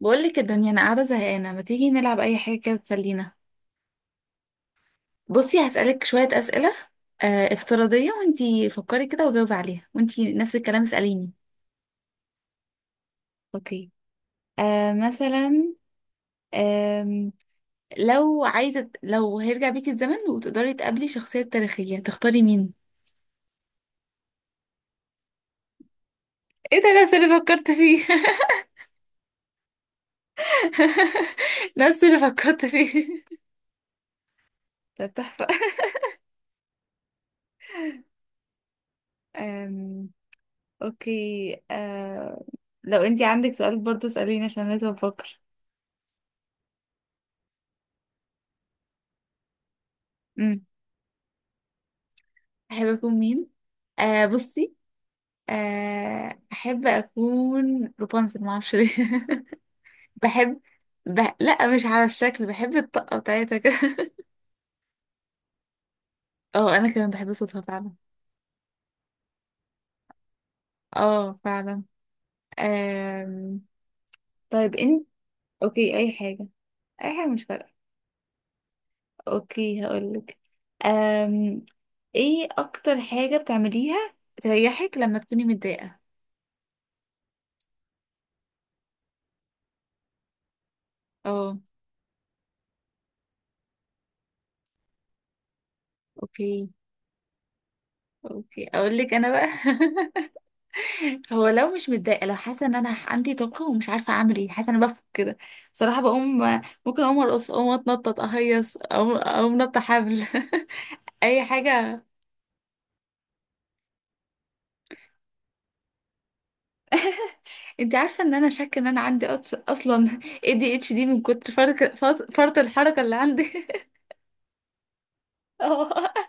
بقول لك الدنيا انا قاعده زهقانه، ما تيجي نلعب اي حاجه كده تسلينا؟ بصي هسالك شويه اسئله افتراضيه، وانتي فكري كده وجاوبي عليها، وانتي نفس الكلام اساليني. اوكي. مثلا، آم لو عايزه، لو هيرجع بيكي الزمن وتقدري تقابلي شخصيه تاريخيه تختاري مين؟ ايه ده، نفس اللي فكرت فيه نفس اللي فكرت فيه طب تحفه. آم اوكي. لو انتي عندك سؤال برضه اساليني عشان لازم افكر. احب اكون مين؟ بصي، احب اكون روبانزل، ما اعرفش ليه بحب، لا مش على الشكل، بحب الطاقه بتاعتها كده اه، انا كمان بحب صوتها فعلا. اه فعلا. آم... طيب انت. اوكي، اي حاجه، اي حاجه مش فارقه. اوكي هقولك. آم... ايه اكتر حاجه بتعمليها تريحك لما تكوني متضايقه؟ اه. اوكي اوكي، اقولك انا بقى هو لو مش متضايقه، لو حاسه ان انا عندي طاقه ومش عارفه اعمل ايه، حاسه ان انا بفك كده. بصراحه بقوم، ممكن اقوم ارقص، اقوم اتنطط اهيص، اقوم، اقوم نط حبل اي حاجه. انت عارفه ان انا شاكه ان انا عندي اصلا اي دي اتش دي من كتر فرط فرط فرط الحركه اللي عندي اه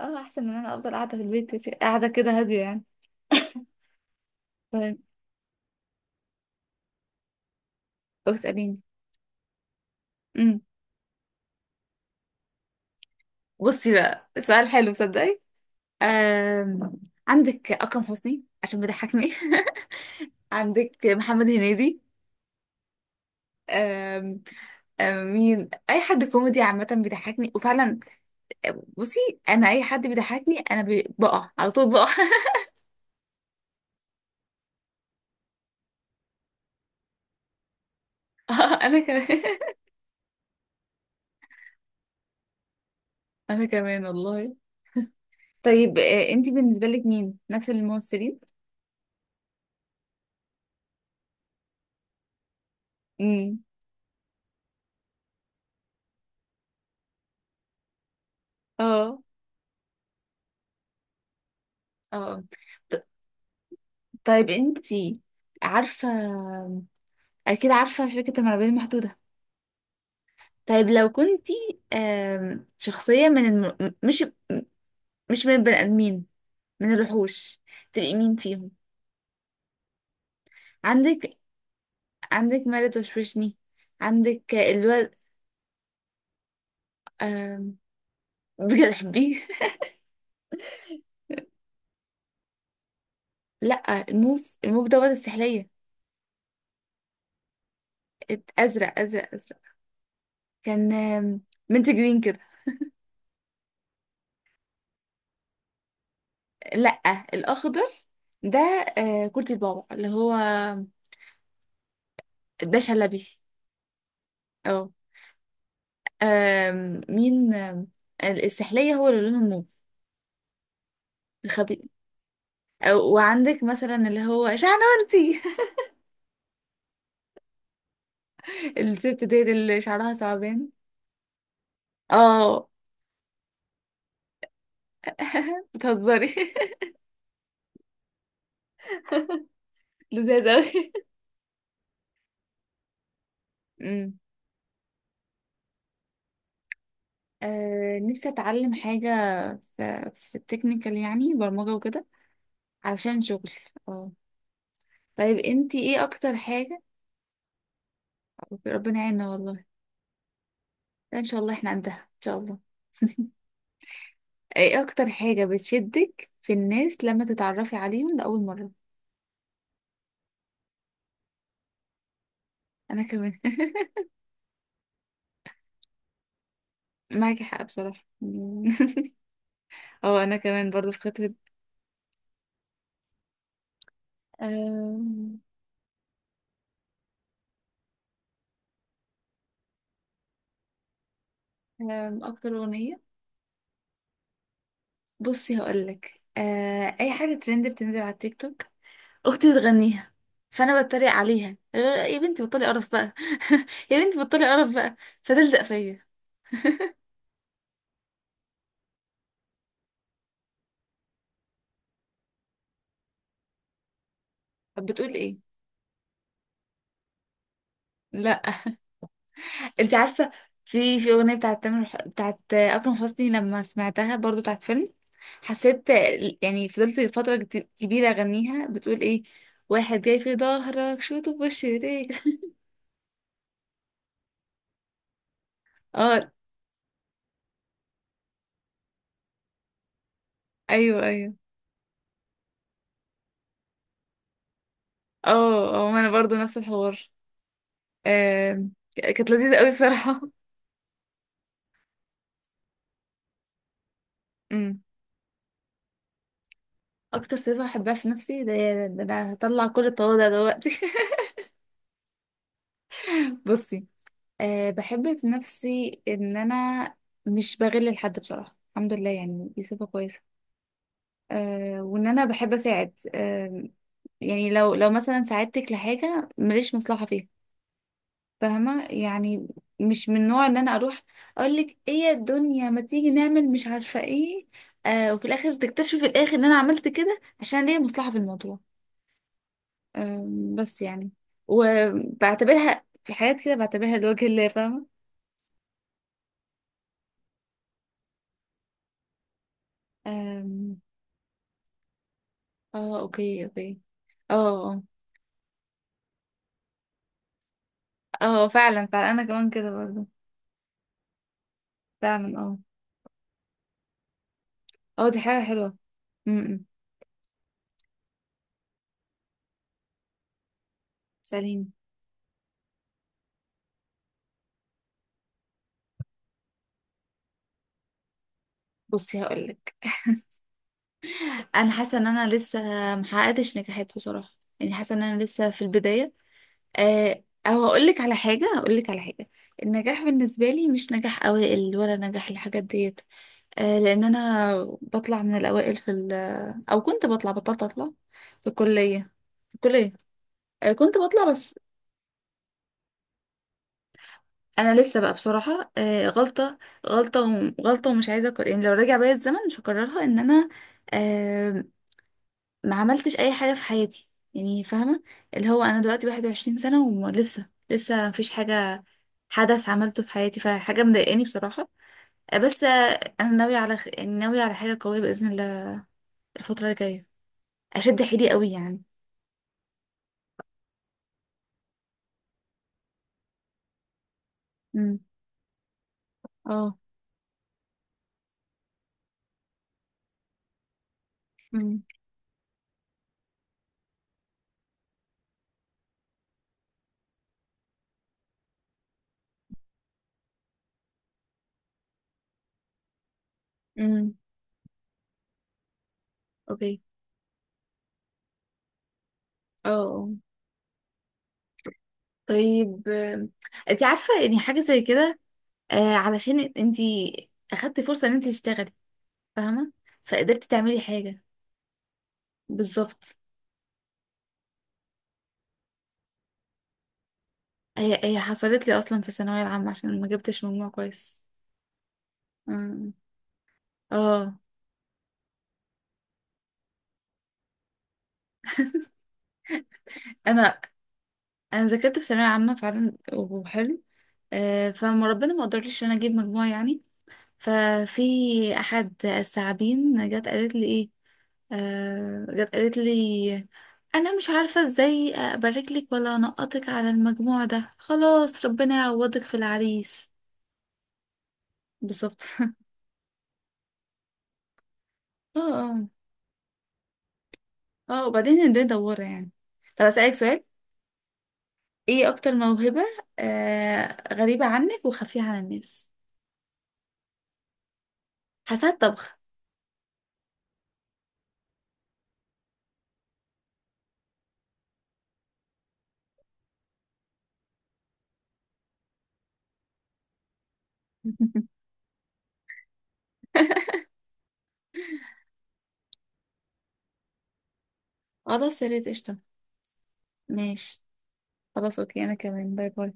اه، احسن من انا افضل قاعده في البيت قاعده كده هاديه يعني. طيب اساليني. امم. بصي بقى سؤال حلو صدقي. آم، عندك اكرم حسني عشان بيضحكني عندك محمد هنيدي. أم مين؟ اي حد كوميدي عامه بيضحكني وفعلا. بصي، انا اي حد بيضحكني انا بقع على طول، بقع آه، انا كمان انا كمان والله. طيب انتي بالنسبه لك مين نفس الممثلين؟ امم. اه اه. ط- طيب انتي عارفه، اكيد عارفه شركه المرعبين المحدوده؟ طيب لو كنتي شخصيه من مش مش من البني ادمين، من الوحوش، تبقي مين فيهم؟ عندك، عندك ما لا توشوشني، عندك الواد آم، بتحبيه؟ لا، الموف، الموف دوت السحلية. ازرق ازرق ازرق، كان منت جرين كده. لا، الاخضر ده، كورتي البابا اللي هو. ده شلبي. اه. مين؟ السحلية هو اللي لونه موف، الخبيث. وعندك مثلا اللي هو شعنونتي الست ديت اللي شعرها ثعبان. اه بتهزري؟ لذيذ أوي امم. نفسي اتعلم حاجه في التكنيكال يعني، برمجه وكده، علشان شغل. اه. طيب انتي ايه اكتر حاجه؟ ربنا يعيننا والله. ده ان شاء الله، احنا عندها ان شاء الله. ايه اكتر حاجه بتشدك في الناس لما تتعرفي عليهم لاول مره؟ انا كمان معاكي حق بصراحه اه انا كمان برضو في خطوه. أم... اكتر اغنيه؟ بصي هقولك، اي حاجه ترند بتنزل على التيك توك، اختي بتغنيها، فانا بتريق عليها، يا بنتي بطلي قرف بقى يا بنتي بطلي قرف بقى، فتلزق فيا. طب بتقول ايه؟ لا. انت عارفه، في اغنيه بتاعت بتاعت اكرم حسني، لما سمعتها برضو بتاعت فيلم، حسيت يعني، فضلت فتره كبيره اغنيها. بتقول ايه؟ واحد جاي في ظهرك شوطه بوش رجلك اه ايوه ايوه. اه اه، ما انا برضو نفس الحوار. كانت لذيذه قوي بصراحه امم. اكتر صفة بحبها في نفسي ده، ده انا هطلع كل التواضع دلوقتي بصي، أه بحب في نفسي ان انا مش بغل لحد بصراحة، الحمد لله، يعني دي صفة كويسة. أه وان انا بحب اساعد. أه يعني لو، مثلا ساعدتك لحاجة ماليش مصلحة فيها، فاهمة يعني؟ مش من نوع ان انا اروح اقولك ايه يا الدنيا ما تيجي نعمل مش عارفة ايه، أه وفي الاخر تكتشفي، في الاخر، ان انا عملت كده عشان ليا مصلحة في الموضوع. بس يعني، وبعتبرها في حاجات كده بعتبرها لوجه الله، فاهمة؟ أم، اه اوكي اوكي. اه اه اه فعلا فعلا، انا كمان كده برضو. فعلا اه اه، دي حاجة حلوة. امم. سليم. بصي هقولك، انا حاسة ان انا لسه محققتش نجاحات بصراحة، يعني حاسة ان انا لسه في البداية. او هقولك على حاجة، هقولك على حاجة. النجاح بالنسبة لي مش نجاح اوائل ولا نجاح الحاجات ديت. لان انا بطلع من الاوائل في او كنت بطلع، بطلت اطلع، في الكليه، في الكليه. كنت بطلع بس. انا لسه بقى بصراحه غلطه، غلطه ومش عايزه أكرر. يعني لو راجع بيا الزمن مش هكررها، ان انا، آه، ما عملتش اي حاجه في حياتي، يعني فاهمه؟ اللي هو انا دلوقتي 21 سنه ولسه مفيش حاجه حدث عملته في حياتي، فحاجه مضايقاني بصراحه. بس انا ناويه على يعني ناويه على حاجه قويه باذن الله الفتره الجايه، اشد حيلي قوي يعني. امم. اه امم امم. اوكي. اه. آه. طيب انت عارفه يعني حاجه زي كده، آه علشان انت اخدتي فرصه ان انت تشتغلي، فاهمه، فقدرتي تعملي حاجه. بالظبط. هي حصلت لي اصلا في الثانويه العامه عشان ما جبتش مجموع كويس. أمم. اه، انا انا ذاكرت في ثانويه عامه فعلا وحلو، فما ربنا ما قدرليش ان انا اجيب مجموع يعني، ففي احد الثعابين جت قالت لي جت قالت لي انا مش عارفه ازاي ابارك لك ولا انقطك على المجموع ده، خلاص ربنا يعوضك في العريس. بالظبط اه اه اه، وبعدين الدنيا دواره يعني. طب اسالك سؤال. ايه اكتر موهبه غريبه عنك وخفيه عن الناس؟ حاسه الطبخ خلاص يا ريت قشطه. ماشي، خلاص اوكي، انا كمان، باي باي.